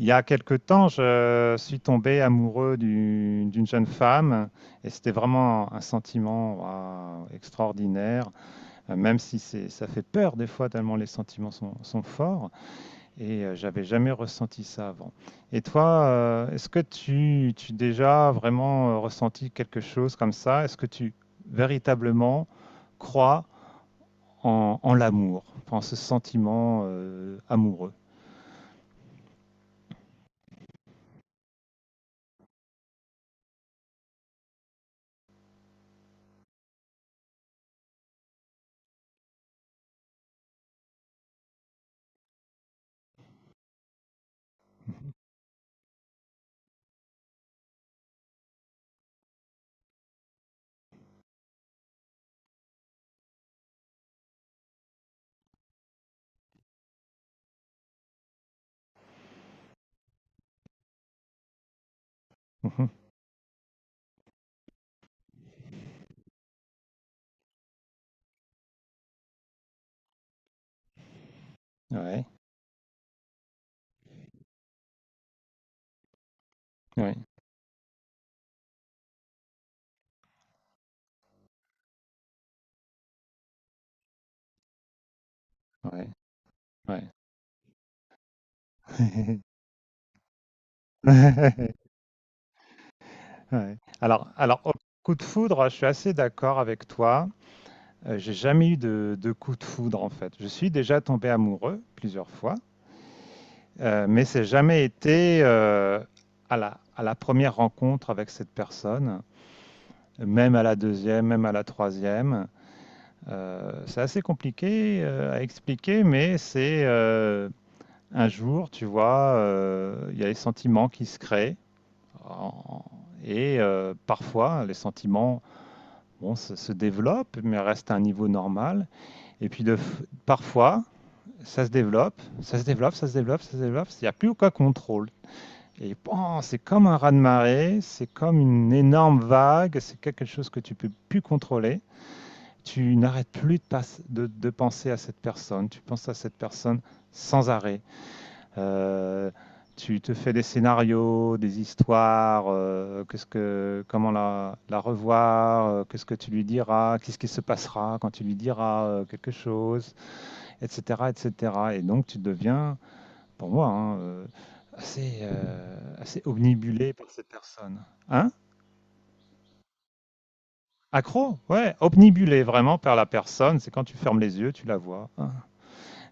Il y a quelque temps, je suis tombé amoureux d'une jeune femme et c'était vraiment un sentiment waouh, extraordinaire, même si ça fait peur des fois tellement les sentiments sont forts et j'avais jamais ressenti ça avant. Et toi, est-ce que tu as déjà vraiment ressenti quelque chose comme ça? Est-ce que tu véritablement crois en l'amour, en ce sentiment amoureux? Ouais, ouais, ouais, ouais. Ouais. Alors, au coup de foudre, je suis assez d'accord avec toi. J'ai jamais eu de coup de foudre en fait. Je suis déjà tombé amoureux plusieurs fois, mais c'est jamais été à la première rencontre avec cette personne, même à la deuxième, même à la troisième. C'est assez compliqué à expliquer, mais c'est un jour, tu vois, il y a les sentiments qui se créent. En- Et parfois, les sentiments bon, se développent, mais restent à un niveau normal. Et puis parfois, ça se développe, ça se développe, ça se développe, ça se développe. Il n'y a plus aucun contrôle. Et bon, c'est comme un raz-de-marée, c'est comme une énorme vague, c'est quelque chose que tu peux plus contrôler. Tu n'arrêtes plus de, passe- de penser à cette personne, tu penses à cette personne sans arrêt. Euh, Tu te fais des scénarios, des histoires, qu'est-ce que, comment la revoir, qu'est-ce que tu lui diras, qu'est-ce qui se passera quand tu lui diras quelque chose, etc., etc. Et cetera. Et donc tu deviens, pour moi, hein, assez omnibulé par cette personne. Hein? Accro? Ouais, omnibulé vraiment par la personne, c'est quand tu fermes les yeux, tu la vois. Hein.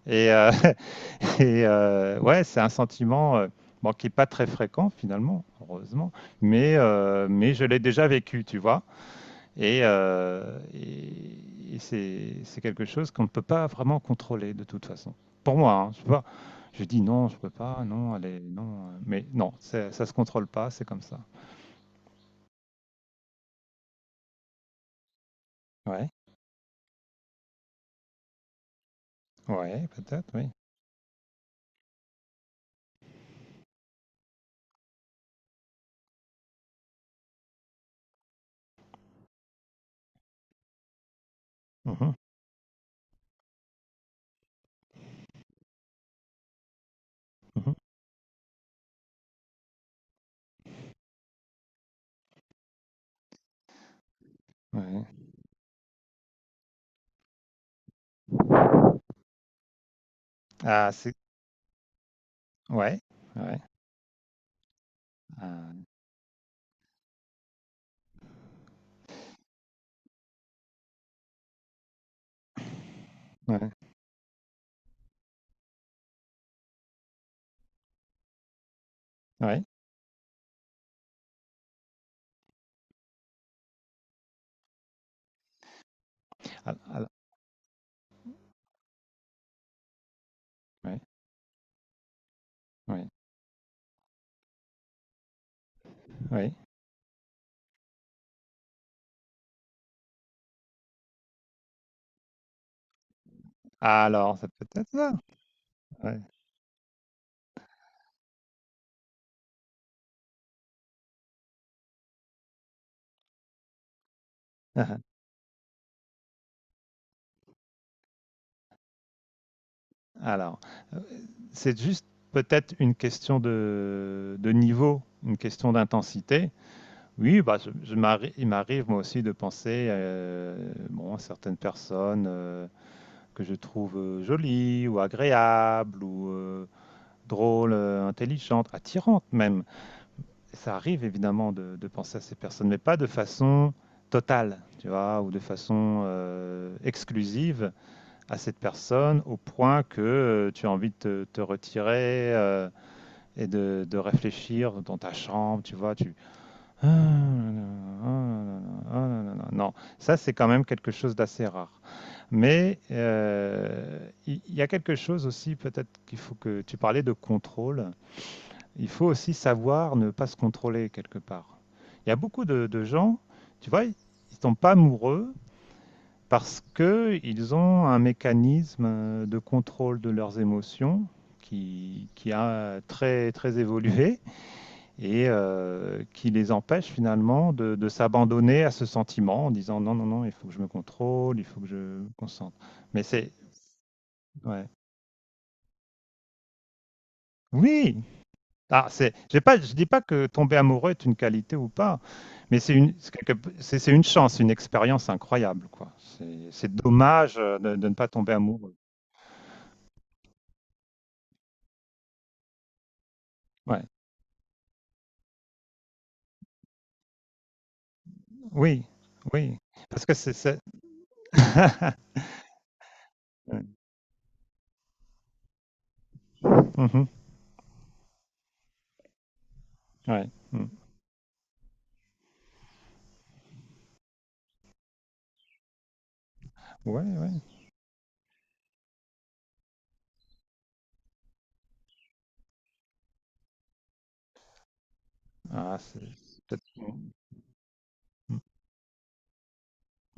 Et, Et ouais, c'est un sentiment bon, qui n'est pas très fréquent finalement, heureusement, mais je l'ai déjà vécu, tu vois. Et c'est quelque chose qu'on ne peut pas vraiment contrôler de toute façon. Pour moi, hein, je sais pas. Je dis non, je peux pas, non, allez, non. Mais non, ça se contrôle pas, c'est comme ça. Ouais, ouais, peut-être, oui. Mhm, mhm, ouais. Ah, c'est. Ouais, ouais. Ah, ouais, ouais. Ah, ah, ouais, ouais, ouais. Alors, ça peut-être ça. Ouais. Alors, heu, c'est juste peut-être une question de niveau, une question d'intensité. Oui, bah, je m'arri il m'arrive moi aussi de penser, bon, à certaines personnes, que je trouve, jolies ou agréables ou, drôles, intelligentes, attirantes même. Ça arrive évidemment de penser à ces personnes, mais pas de façon totale, tu vois? Ou de façon, exclusive. À cette personne au point que tu as envie de te retirer et de réfléchir dans ta chambre, tu vois, tu. Ah, là, là, ah, là, là, ah, là, là, là. Non, ça c'est quand même quelque chose d'assez rare. Mais il y a quelque chose aussi, peut-être qu'il faut que tu parlais de contrôle. Il faut aussi savoir ne pas se contrôler quelque part. Il y a beaucoup de gens, tu vois, ils ne tombent pas amoureux parce qu'ils ont un mécanisme de contrôle de leurs émotions qui a très, très évolué et qui les empêche finalement de s'abandonner à ce sentiment en disant non, non, non, il faut que je me contrôle, il faut que je me concentre. Mais c'est. Ouais. Oui! Ah, c'est, j'ai pas, je dis pas que tomber amoureux est une qualité ou pas, mais c'est une, c'est quelque- c'est une chance, une expérience incroyable, quoi. C'est dommage de ne pas tomber amoureux. Ouais. Oui, oui, parce que c'est ouais. Mmh mh. Ouais. Mmh. Ouais, ouais. Ah, c'est peut-être mmh. Mmh.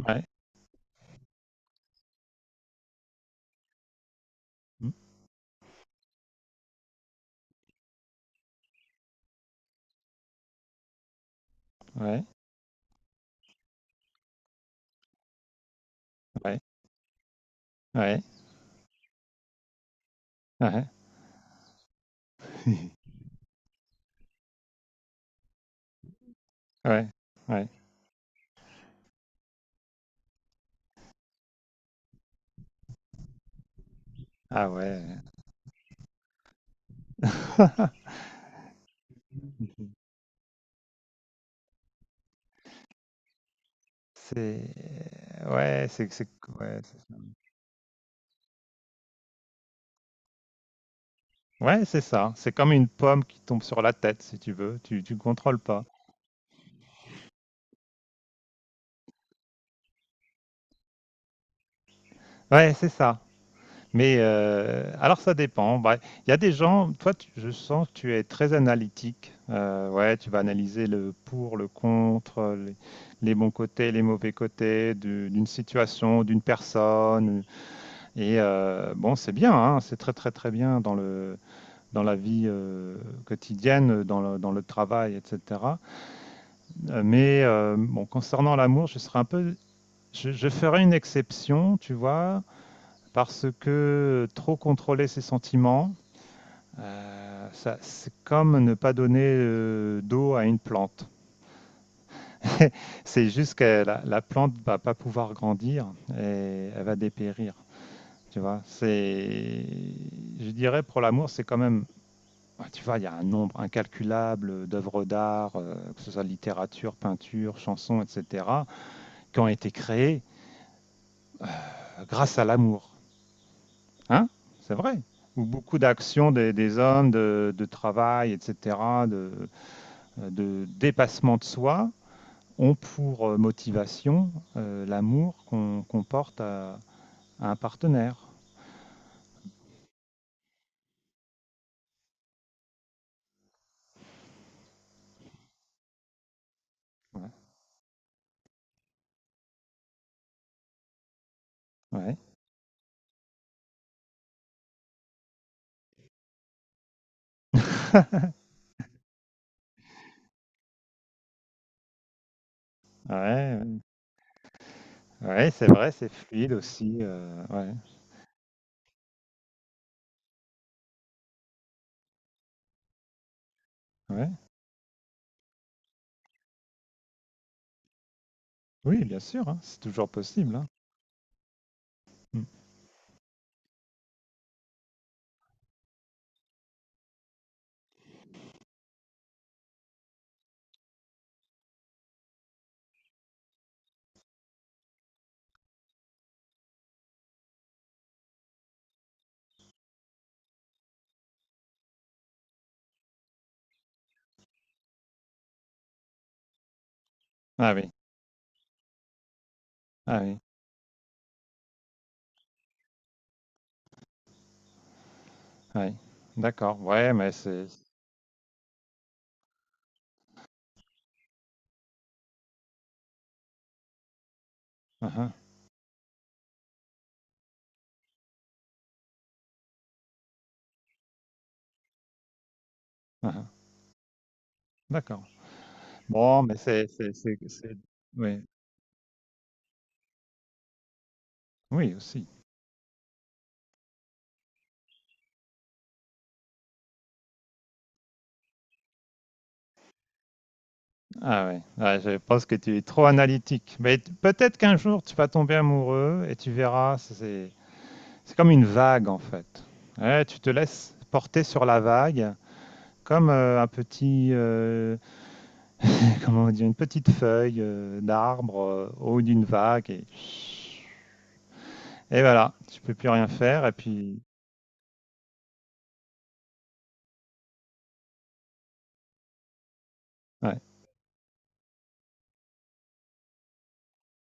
Ouais. Mmh. Ouais, ouais, ouais. Ah ouais. Ouais, ouais. Ah ouais. Mmh. C'est ouais, c'est ouais, c'est ouais, c'est ça. C'est comme une pomme qui tombe sur la tête si tu veux, tu contrôles pas. Ouais, c'est ça. Mais alors ça dépend. Bah, il y a des gens, je sens que tu es très analytique. Ouais, tu vas analyser le pour, le contre, les bons côtés, les mauvais côtés d'une situation, d'une personne. Et bon, c'est bien, hein, c'est très très très bien dans la vie quotidienne, dans le travail, etc. Mais bon, concernant l'amour, je serais un peu, je ferais une exception, tu vois, parce que trop contrôler ses sentiments. Euh, c'est comme ne pas donner d'eau à une plante. C'est juste que la plante ne va pas pouvoir grandir et elle va dépérir. Tu vois, c'est, je dirais pour l'amour, c'est quand même, ouais, tu vois, il y a un nombre incalculable d'œuvres d'art, que ce soit littérature, peinture, chanson, etc., qui ont été créées grâce à l'amour. Hein? C'est vrai. Ou beaucoup d'actions des hommes, de travail, etc., de, de dépassement de soi, ont pour motivation l'amour qu'on porte à un partenaire. Ouais, ouais, ouais, ouais, c'est vrai, c'est fluide aussi. Ouais, ouais. Oui, bien sûr, hein, c'est toujours possible. Hein. Mm. Ah oui, ah oui, oui. D'accord, ouais, mais c'est. Ah ah, ah ah, d'accord. Bon, mais c'est. Oui, oui, aussi. Ah ouais. Ouais, je pense que tu es trop analytique. Mais peut-être qu'un jour, tu vas tomber amoureux et tu verras. C'est comme une vague en fait. Ouais, tu te laisses porter sur la vague comme un petit, comment on dit, une petite feuille d'arbre au haut d'une vague et voilà, tu peux plus rien faire et puis ouais,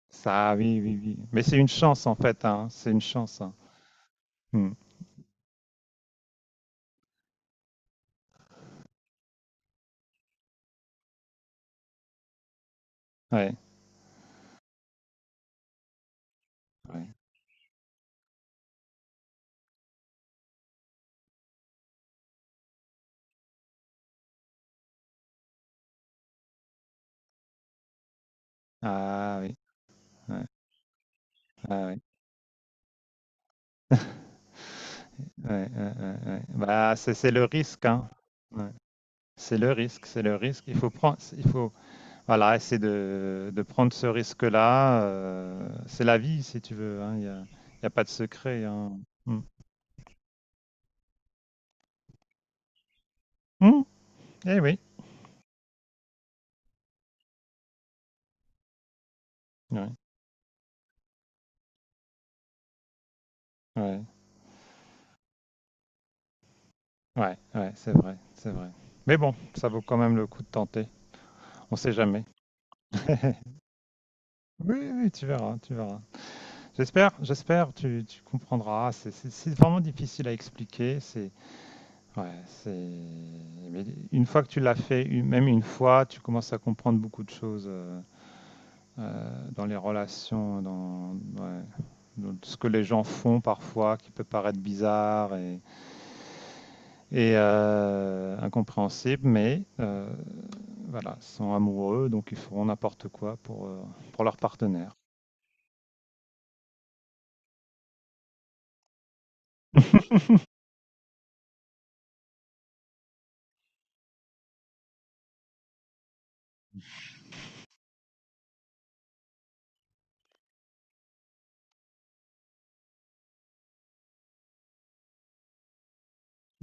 ça, oui, oui, oui. Mais c'est une chance en fait, hein, c'est une chance. Hein. Hmm. Ouais. Ouais. Ah oui, ouais, ah oui. Ouais, ouais, ouais, ouais. Bah, c'est le risque, hein. Ouais. C'est le risque, c'est le risque. Il faut prendre, il faut, voilà, essayer de prendre ce risque-là. C'est la vie, si tu veux. Hein. Y a pas de secret. Hein. Mm. Mm, eh oui. Ouais, ouais, ouais, ouais, c'est vrai, c'est vrai. Mais bon, ça vaut quand même le coup de tenter. On sait jamais. Oui, oui, tu verras, tu verras. J'espère, j'espère, tu comprendras. C'est vraiment difficile à expliquer. C'est, ouais, c'est. Mais une fois que tu l'as fait, même une fois, tu commences à comprendre beaucoup de choses. Dans les relations, ouais, dans ce que les gens font parfois, qui peut paraître bizarre et incompréhensible, mais voilà, sont amoureux, donc ils feront n'importe quoi pour leur partenaire.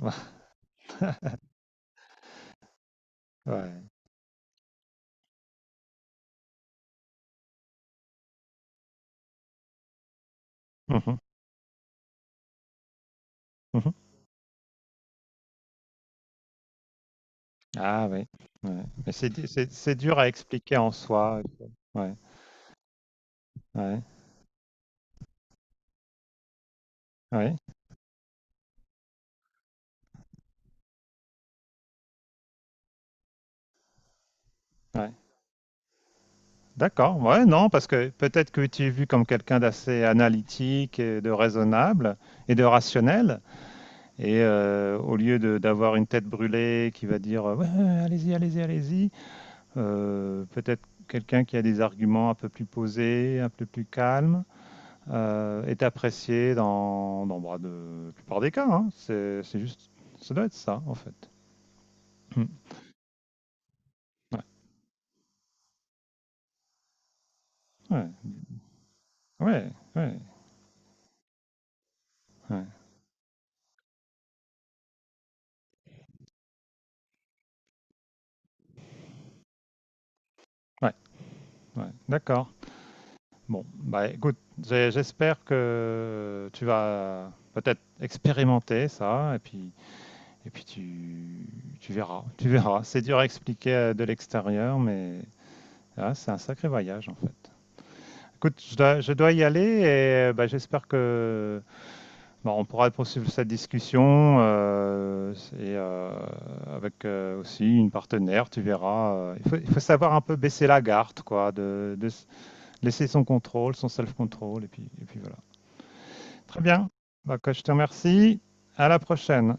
Ouais. Ouais. Mhm. Mhm. Ah oui, ouais. Mais c'est dur à expliquer en soi. Ouais, ouais, ouais, ouais. D'accord, ouais, non, parce que peut-être que tu es vu comme quelqu'un d'assez analytique, et de raisonnable et de rationnel, et au lieu d'avoir une tête brûlée qui va dire ouais, allez-y, allez-y, allez-y, peut-être quelqu'un qui a des arguments un peu plus posés, un peu plus calmes, est apprécié dans bah, la plupart des cas. Hein. C'est juste, ça doit être ça en fait. Hmm. Ouais, ouais, ouais, ouais, ouais, ouais, ouais. D'accord. Bon, bah écoute, j'espère que tu vas peut-être expérimenter ça, et puis tu verras, tu verras. C'est dur à expliquer de l'extérieur, mais ah, c'est un sacré voyage en fait. Écoute, je dois y aller, et bah, j'espère que bah, on pourra poursuivre cette discussion, et euh, avec aussi une partenaire, tu verras. Il faut savoir un peu baisser la garde, quoi, laisser son contrôle, son self-control, et puis voilà. Très bien. Donc, je te remercie. À la prochaine.